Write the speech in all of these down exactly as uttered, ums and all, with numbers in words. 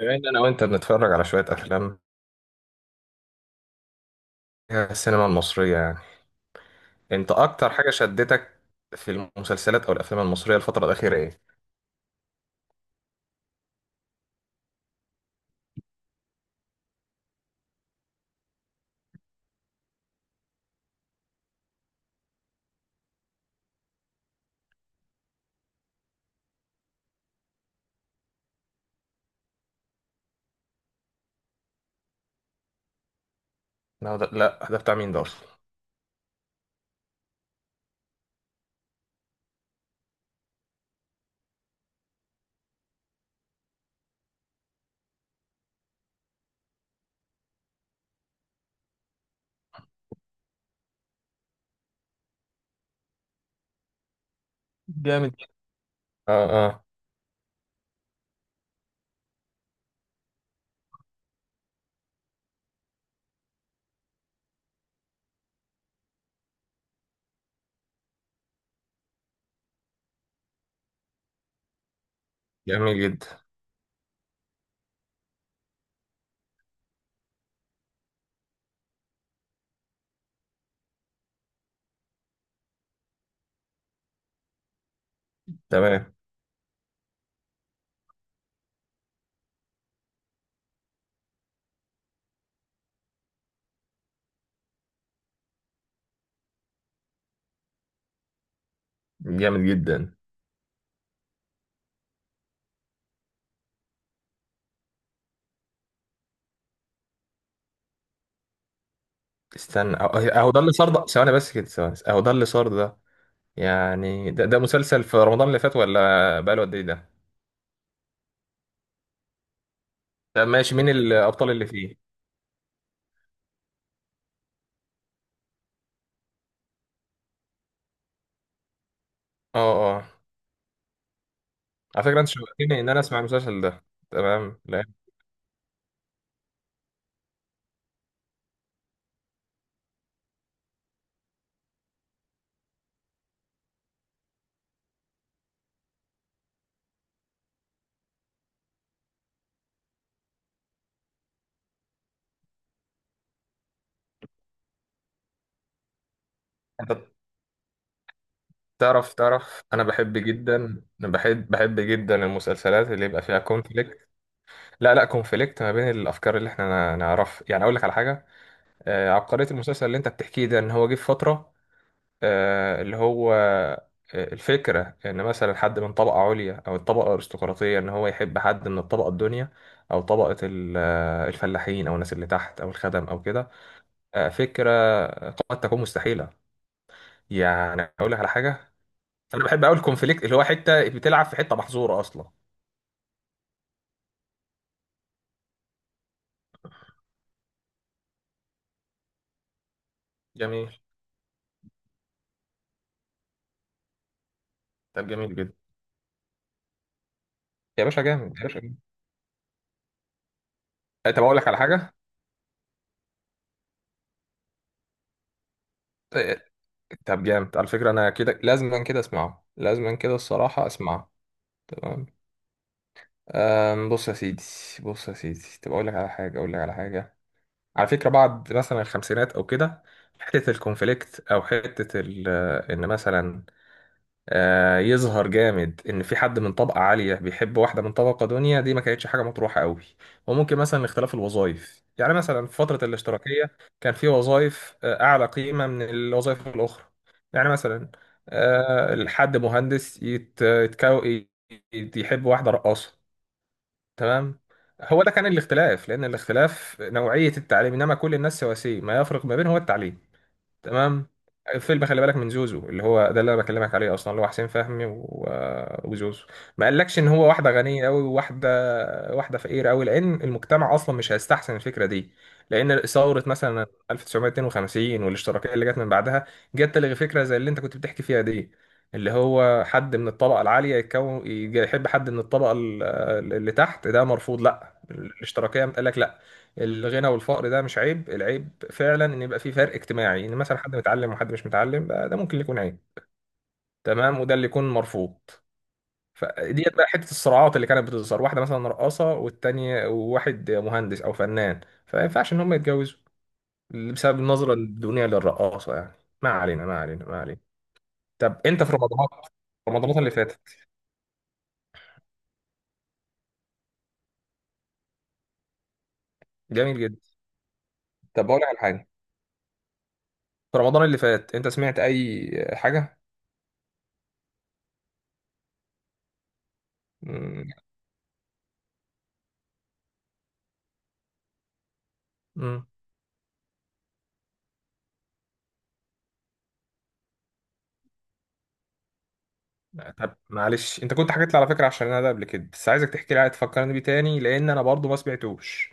بما ان انا وانت بنتفرج على شويه افلام فيها السينما المصريه، يعني انت اكتر حاجه شدتك في المسلسلات او الافلام المصريه الفتره الاخيره ايه؟ لا ده, لا ده بتاع مين ده اصلا؟ جامد. اه اه. جميل جدا. تمام. جامد جدا. استنى، اهو أهو ده اللي صار ده، ثواني بس كده، ثواني، اهو ده اللي صار ده. يعني ده, ده مسلسل في رمضان اللي فات ولا بقاله قد ايه ده؟ طب ماشي، مين الابطال اللي فيه؟ اه اه. على فكره انت شوقتني ان انا اسمع المسلسل ده. تمام. لا انت تعرف تعرف، انا بحب جدا. أنا بحب بحب جدا المسلسلات اللي يبقى فيها كونفليكت. لا لا، كونفليكت ما بين الافكار اللي احنا نا- نعرف، يعني اقول لك على حاجه. آه، عبقريه المسلسل اللي انت بتحكيه ده ان هو جه في فتره آه، اللي هو آه، الفكره ان مثلا حد من طبقه عليا او الطبقه الارستقراطيه ان هو يحب حد من الطبقه الدنيا، او طبقه ال- آه، الفلاحين او الناس اللي تحت او الخدم او كده. آه، فكره قد تكون مستحيله. يعني اقول لك على حاجه، انا بحب قوي الكونفليكت اللي هو حته بتلعب في حته محظوره اصلا. جميل. طب جميل جدا. يا باشا جامد، يا باشا جامد. أه، طب اقول لك على حاجه. أه، طب جامد على فكره، انا كده لازما كده اسمعه، لازما كده الصراحه اسمعه. تمام. أم، بص يا سيدي، بص يا سيدي، طب اقول لك على حاجه، اقول لك على حاجه. على فكره بعد مثلا الخمسينات او كده، حته الكونفليكت او حته ال- ان مثلا آه، يظهر جامد ان في حد من طبقه عاليه بيحب واحده من طبقه دنيا، دي ما كانتش حاجه مطروحه قوي. وممكن مثلا اختلاف الوظائف، يعني مثلا في فتره الاشتراكيه كان في وظائف آه، اعلى قيمه من الوظائف الاخرى. يعني مثلا آه، الحد مهندس يت- يتكو... يت- يحب واحده رقاصه. تمام. هو ده كان الاختلاف، لان الاختلاف نوعيه التعليم، انما كل الناس سواسيه، ما يفرق ما بينهم هو التعليم. تمام. فيلم خلي بالك من زوزو اللي هو ده اللي انا بكلمك عليه اصلا، اللي هو حسين فهمي و- وزوزو، ما قالكش ان هو واحده غنيه قوي وواحده، واحده فقيره قوي، لان المجتمع اصلا مش هيستحسن الفكره دي. لان ثوره مثلا ألف وتسعمائة واثنين وخمسين والاشتراكيه اللي جت من بعدها جت تلغي فكره زي اللي انت كنت بتحكي فيها دي، اللي هو حد من الطبقه العاليه يتكون يج- يحب حد من الطبقه ال- اللي تحت، ده مرفوض. لا الاشتراكيه قال لك لا، الغنى والفقر ده مش عيب، العيب فعلا ان يبقى في فرق اجتماعي، ان مثلا حد متعلم وحد مش متعلم بقى، ده ممكن يكون عيب. تمام، وده اللي يكون مرفوض. فديت بقى حته الصراعات اللي كانت بتظهر، واحده مثلا رقاصه والتانيه، وواحد مهندس او فنان، فما ينفعش ان هم يتجوزوا بسبب النظره الدونيه للرقاصه يعني. ما علينا، ما علينا، ما علينا. طب انت في رمضان، رمضان اللي فاتت. جميل جدا. طب بقول لك على حاجه، في رمضان اللي فات انت سمعت اي حاجه؟ امم. طب معلش انت كنت حكيت لي على فكره، عشان انا ده قبل كده، بس عايزك تحكي لي عاد، تفكرني بيه تاني لان انا برضو ما سمعتوش.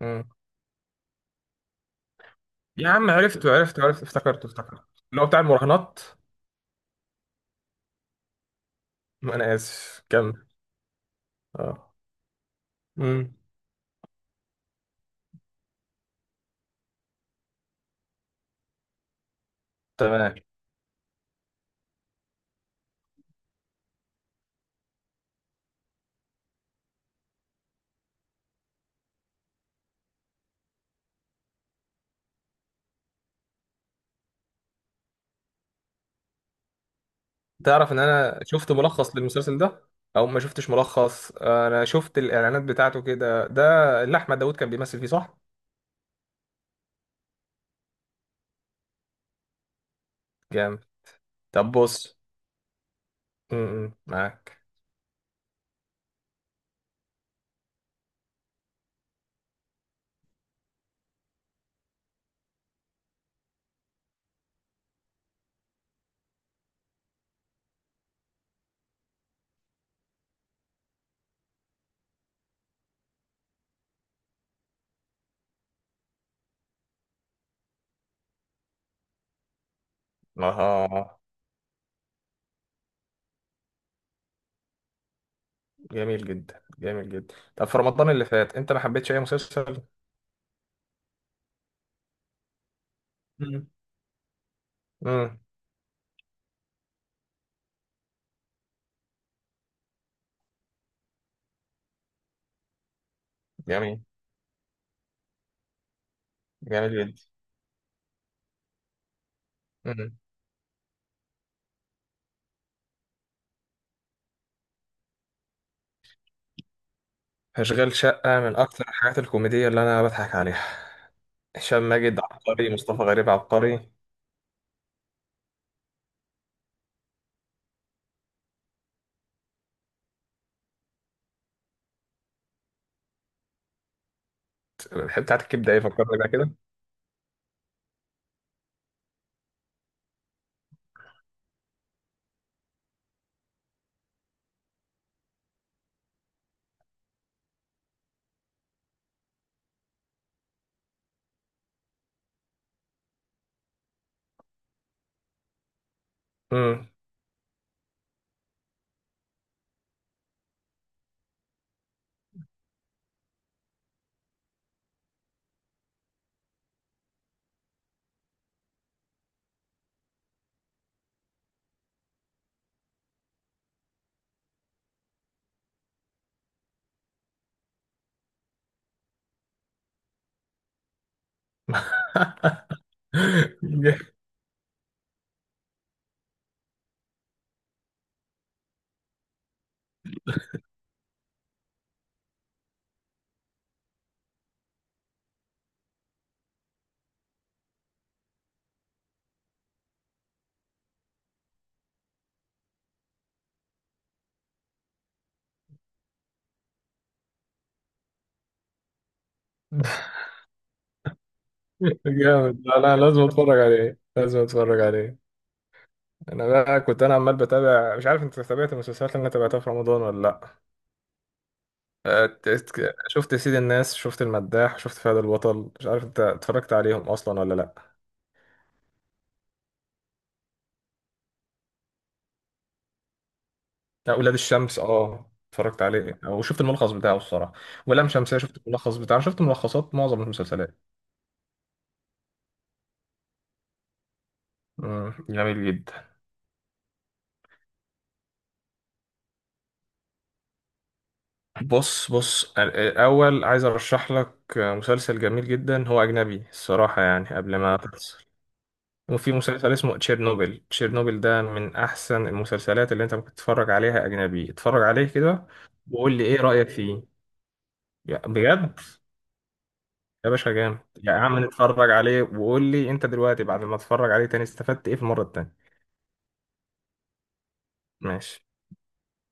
مم. يا عم عرفت عرفت عرفت، افتكرت افتكرت، اللي هو بتاع المراهنات. ما انا اسف، كمل. اه. مم. تمام. تعرف ان انا شفت ملخص للمسلسل ده، او ما شفتش ملخص، انا شفت الاعلانات بتاعته كده ده اللي احمد داوود كان بيمثل فيه، صح؟ جامد. طب بص. مم، معاك. اه. جميل جدا، جميل جدا. طب في رمضان اللي فات انت ما حبيتش اي مسلسل؟ مم. مم. جميل. جميل جدا. مم. أشغال شقة من أكتر الحاجات الكوميدية اللي أنا بضحك عليها. هشام ماجد عبقري، مصطفى غريب عبقري. الحتة بتاعت الكبدة إيه، فكرني بقى كده. مم. جامد. لا لا، لازم اتفرج عليه، لازم اتفرج عليه. انا بقى كنت انا عمال بتابع، مش عارف انت تابعت المسلسلات اللي انا تابعتها في رمضان ولا لا. أه، ت- ت- شفت سيد الناس، شفت المداح، شفت فهد البطل، مش عارف انت اتفرجت عليهم اصلا ولا لا. اولاد الشمس اه اتفرجت عليه وشفت الملخص بتاعه الصراحه. ولام شمسية شفت الملخص بتاعه، شفت ملخصات معظم المسلسلات. مم، جميل جدا. بص بص، الاول عايز ارشح لك مسلسل جميل جدا، هو اجنبي الصراحه، يعني قبل ما تفصل. وفي مسلسل اسمه تشيرنوبل، تشيرنوبل ده من احسن المسلسلات اللي انت ممكن تتفرج عليها، اجنبي، اتفرج عليه كده وقول لي ايه رايك فيه. يا- بجد يا باشا جامد، يا عم نتفرج عليه وقول لي انت دلوقتي بعد ما اتفرج عليه تاني استفدت ايه في المره التانيه. ماشي.